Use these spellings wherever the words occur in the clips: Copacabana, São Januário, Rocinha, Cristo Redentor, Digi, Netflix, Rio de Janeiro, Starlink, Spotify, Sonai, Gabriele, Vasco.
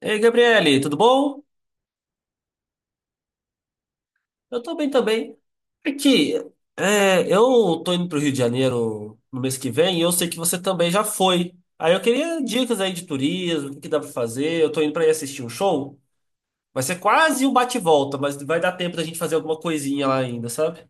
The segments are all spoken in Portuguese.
Ei, Gabriele, tudo bom? Eu tô bem também. Aqui, eu tô indo pro Rio de Janeiro no mês que vem e eu sei que você também já foi. Aí eu queria dicas aí de turismo, o que que dá pra fazer. Eu tô indo pra ir assistir um show. Vai ser quase um bate-volta, mas vai dar tempo da gente fazer alguma coisinha lá ainda, sabe?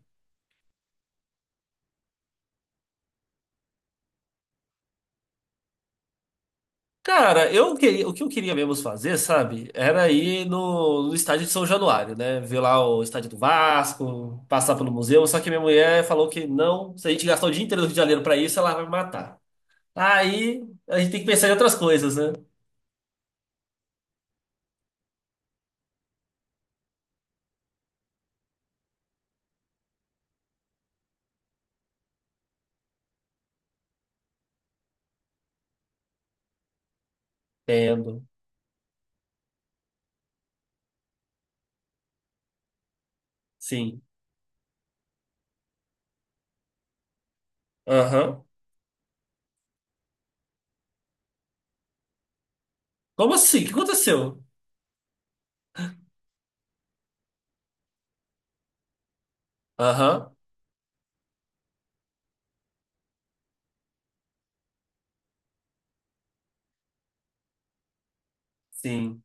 Cara, eu queria, o que eu queria mesmo fazer, sabe? Era ir no estádio de São Januário, né? Ver lá o estádio do Vasco, passar pelo museu. Só que minha mulher falou que não, se a gente gastar o dia inteiro no Rio de Janeiro pra isso, ela vai me matar. Aí a gente tem que pensar em outras coisas, né? Entendo. Sim. Aham. Como assim? O que aconteceu? Aham. Sim.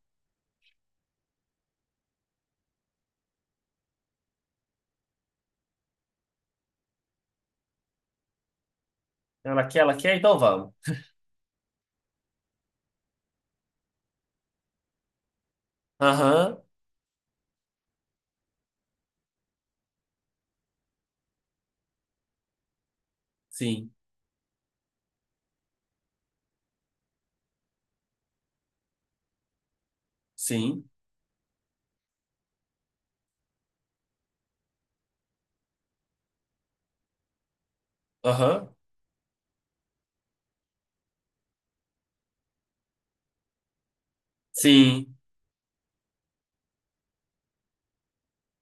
Ela quer, então vamos. Aham. Sim. Sim. Aham. Sim.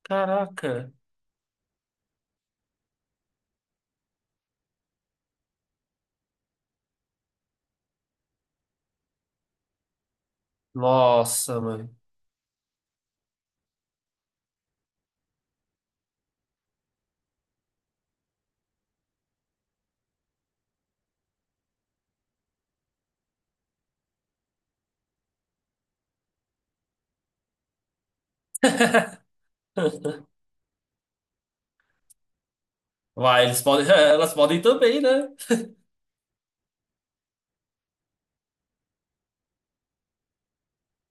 Caraca. Nossa, mano. Vai, eles podem, elas podem também, né?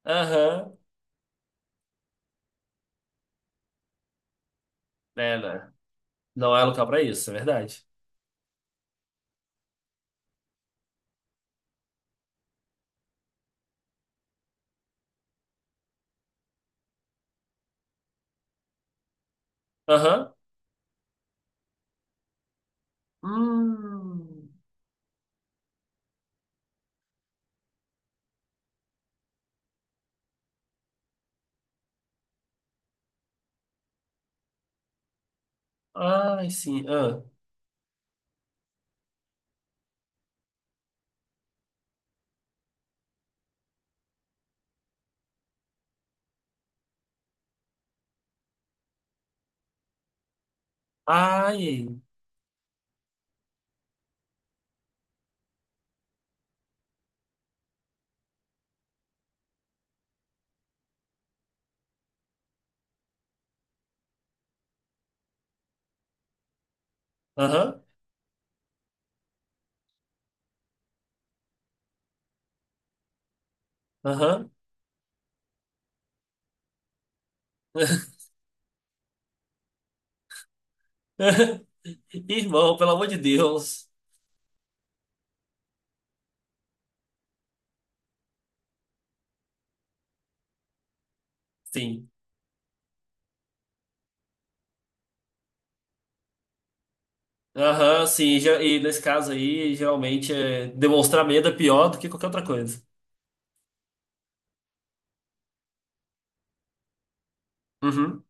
Aham. É, né? Não é local pra isso, é verdade. Aham. Hum. Ai, sim. Ah. Ai. Aham. Aham. Irmão, pelo amor de Deus. Sim. Aham, sim. E nesse caso aí, geralmente demonstrar medo é pior do que qualquer outra coisa. Uhum.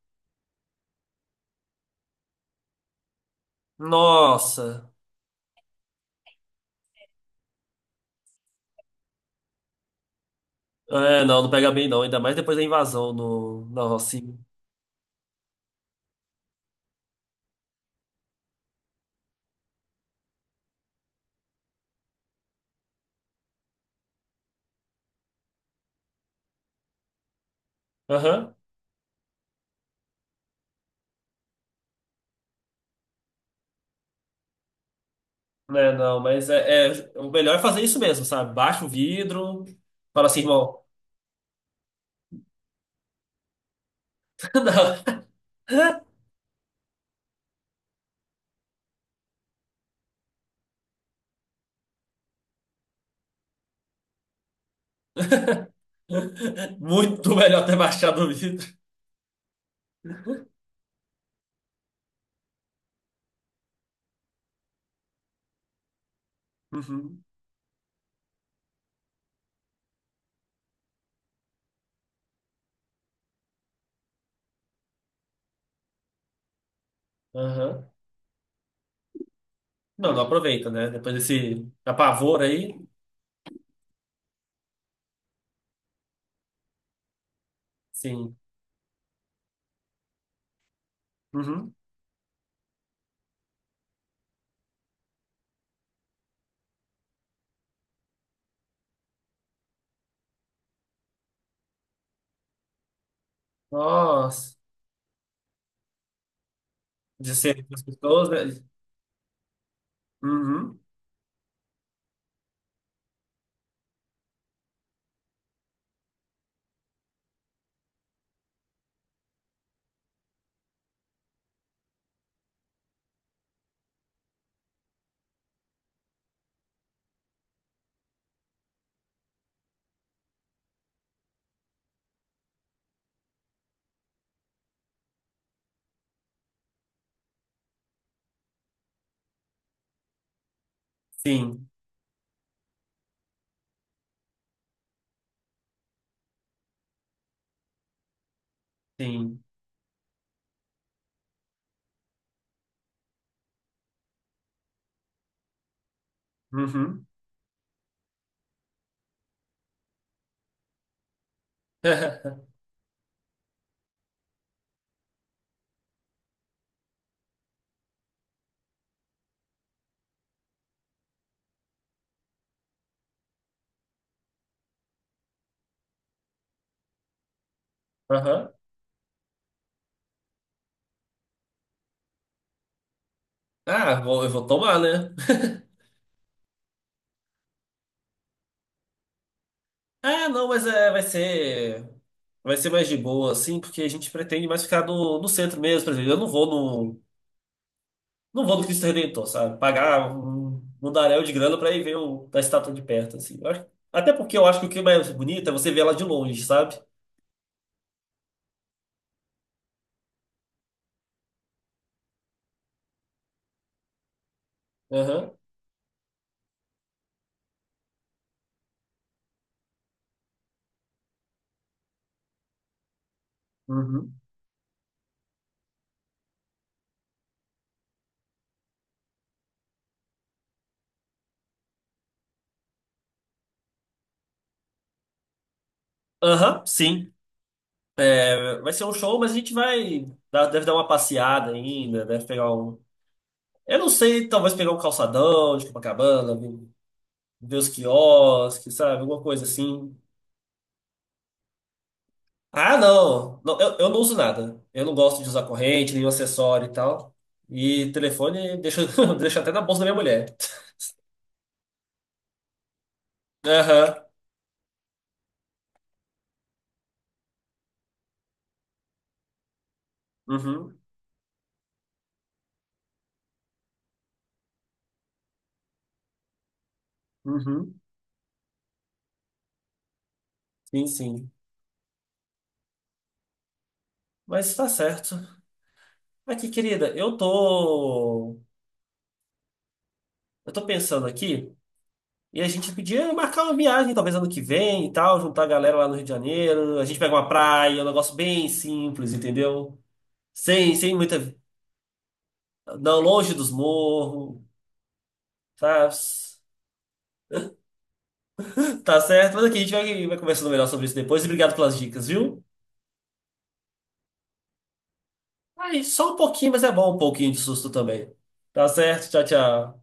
Nossa. É, não pega bem não. Ainda mais depois da invasão no, na Rocinha. Aham. É, não, mas o melhor é fazer isso mesmo, sabe? Baixa o vidro, fala assim, irmão. Não. Muito melhor ter baixado o vidro. Uhum. Aham. Não, não aproveita, né? Depois desse apavor aí, sim. Uhum. Nossa, de ser com as pessoas, né? Uhum, sim, sim. Uhum. Aham. Ah, vou, eu vou tomar, né? Ah, não, mas é, vai ser mais de boa, assim, porque a gente pretende mais ficar no centro mesmo, por exemplo. Eu não vou no, Não vou no Cristo Redentor, sabe? Pagar um daréu de grana pra ir ver a estátua de perto, assim. Até porque eu acho que o que é mais bonito é você ver ela de longe, sabe? Aham. Uhum. Aham, sim. Vai ser um show, mas a gente vai. Deve dar uma passeada ainda, deve pegar um. Eu não sei, talvez pegar um calçadão de Copacabana, ver os quiosques, sabe? Alguma coisa assim. Ah, não! Não, eu não uso nada. Eu não gosto de usar corrente, nenhum acessório e tal. E telefone deixa, deixa até na bolsa da minha mulher. Aham. Uhum. Uhum. Sim, sim. Mas tá certo. Aqui, querida, eu tô. Eu tô pensando aqui. E a gente podia marcar uma viagem, talvez ano que vem e tal, juntar a galera lá no Rio de Janeiro. A gente pega uma praia, um negócio bem simples, entendeu? Sem muita. Não, longe dos morros, tá? Tá certo? Mas aqui a gente vai, vai conversando melhor sobre isso depois. E obrigado pelas dicas, viu? Aí, só um pouquinho, mas é bom um pouquinho de susto também. Tá certo? Tchau, tchau.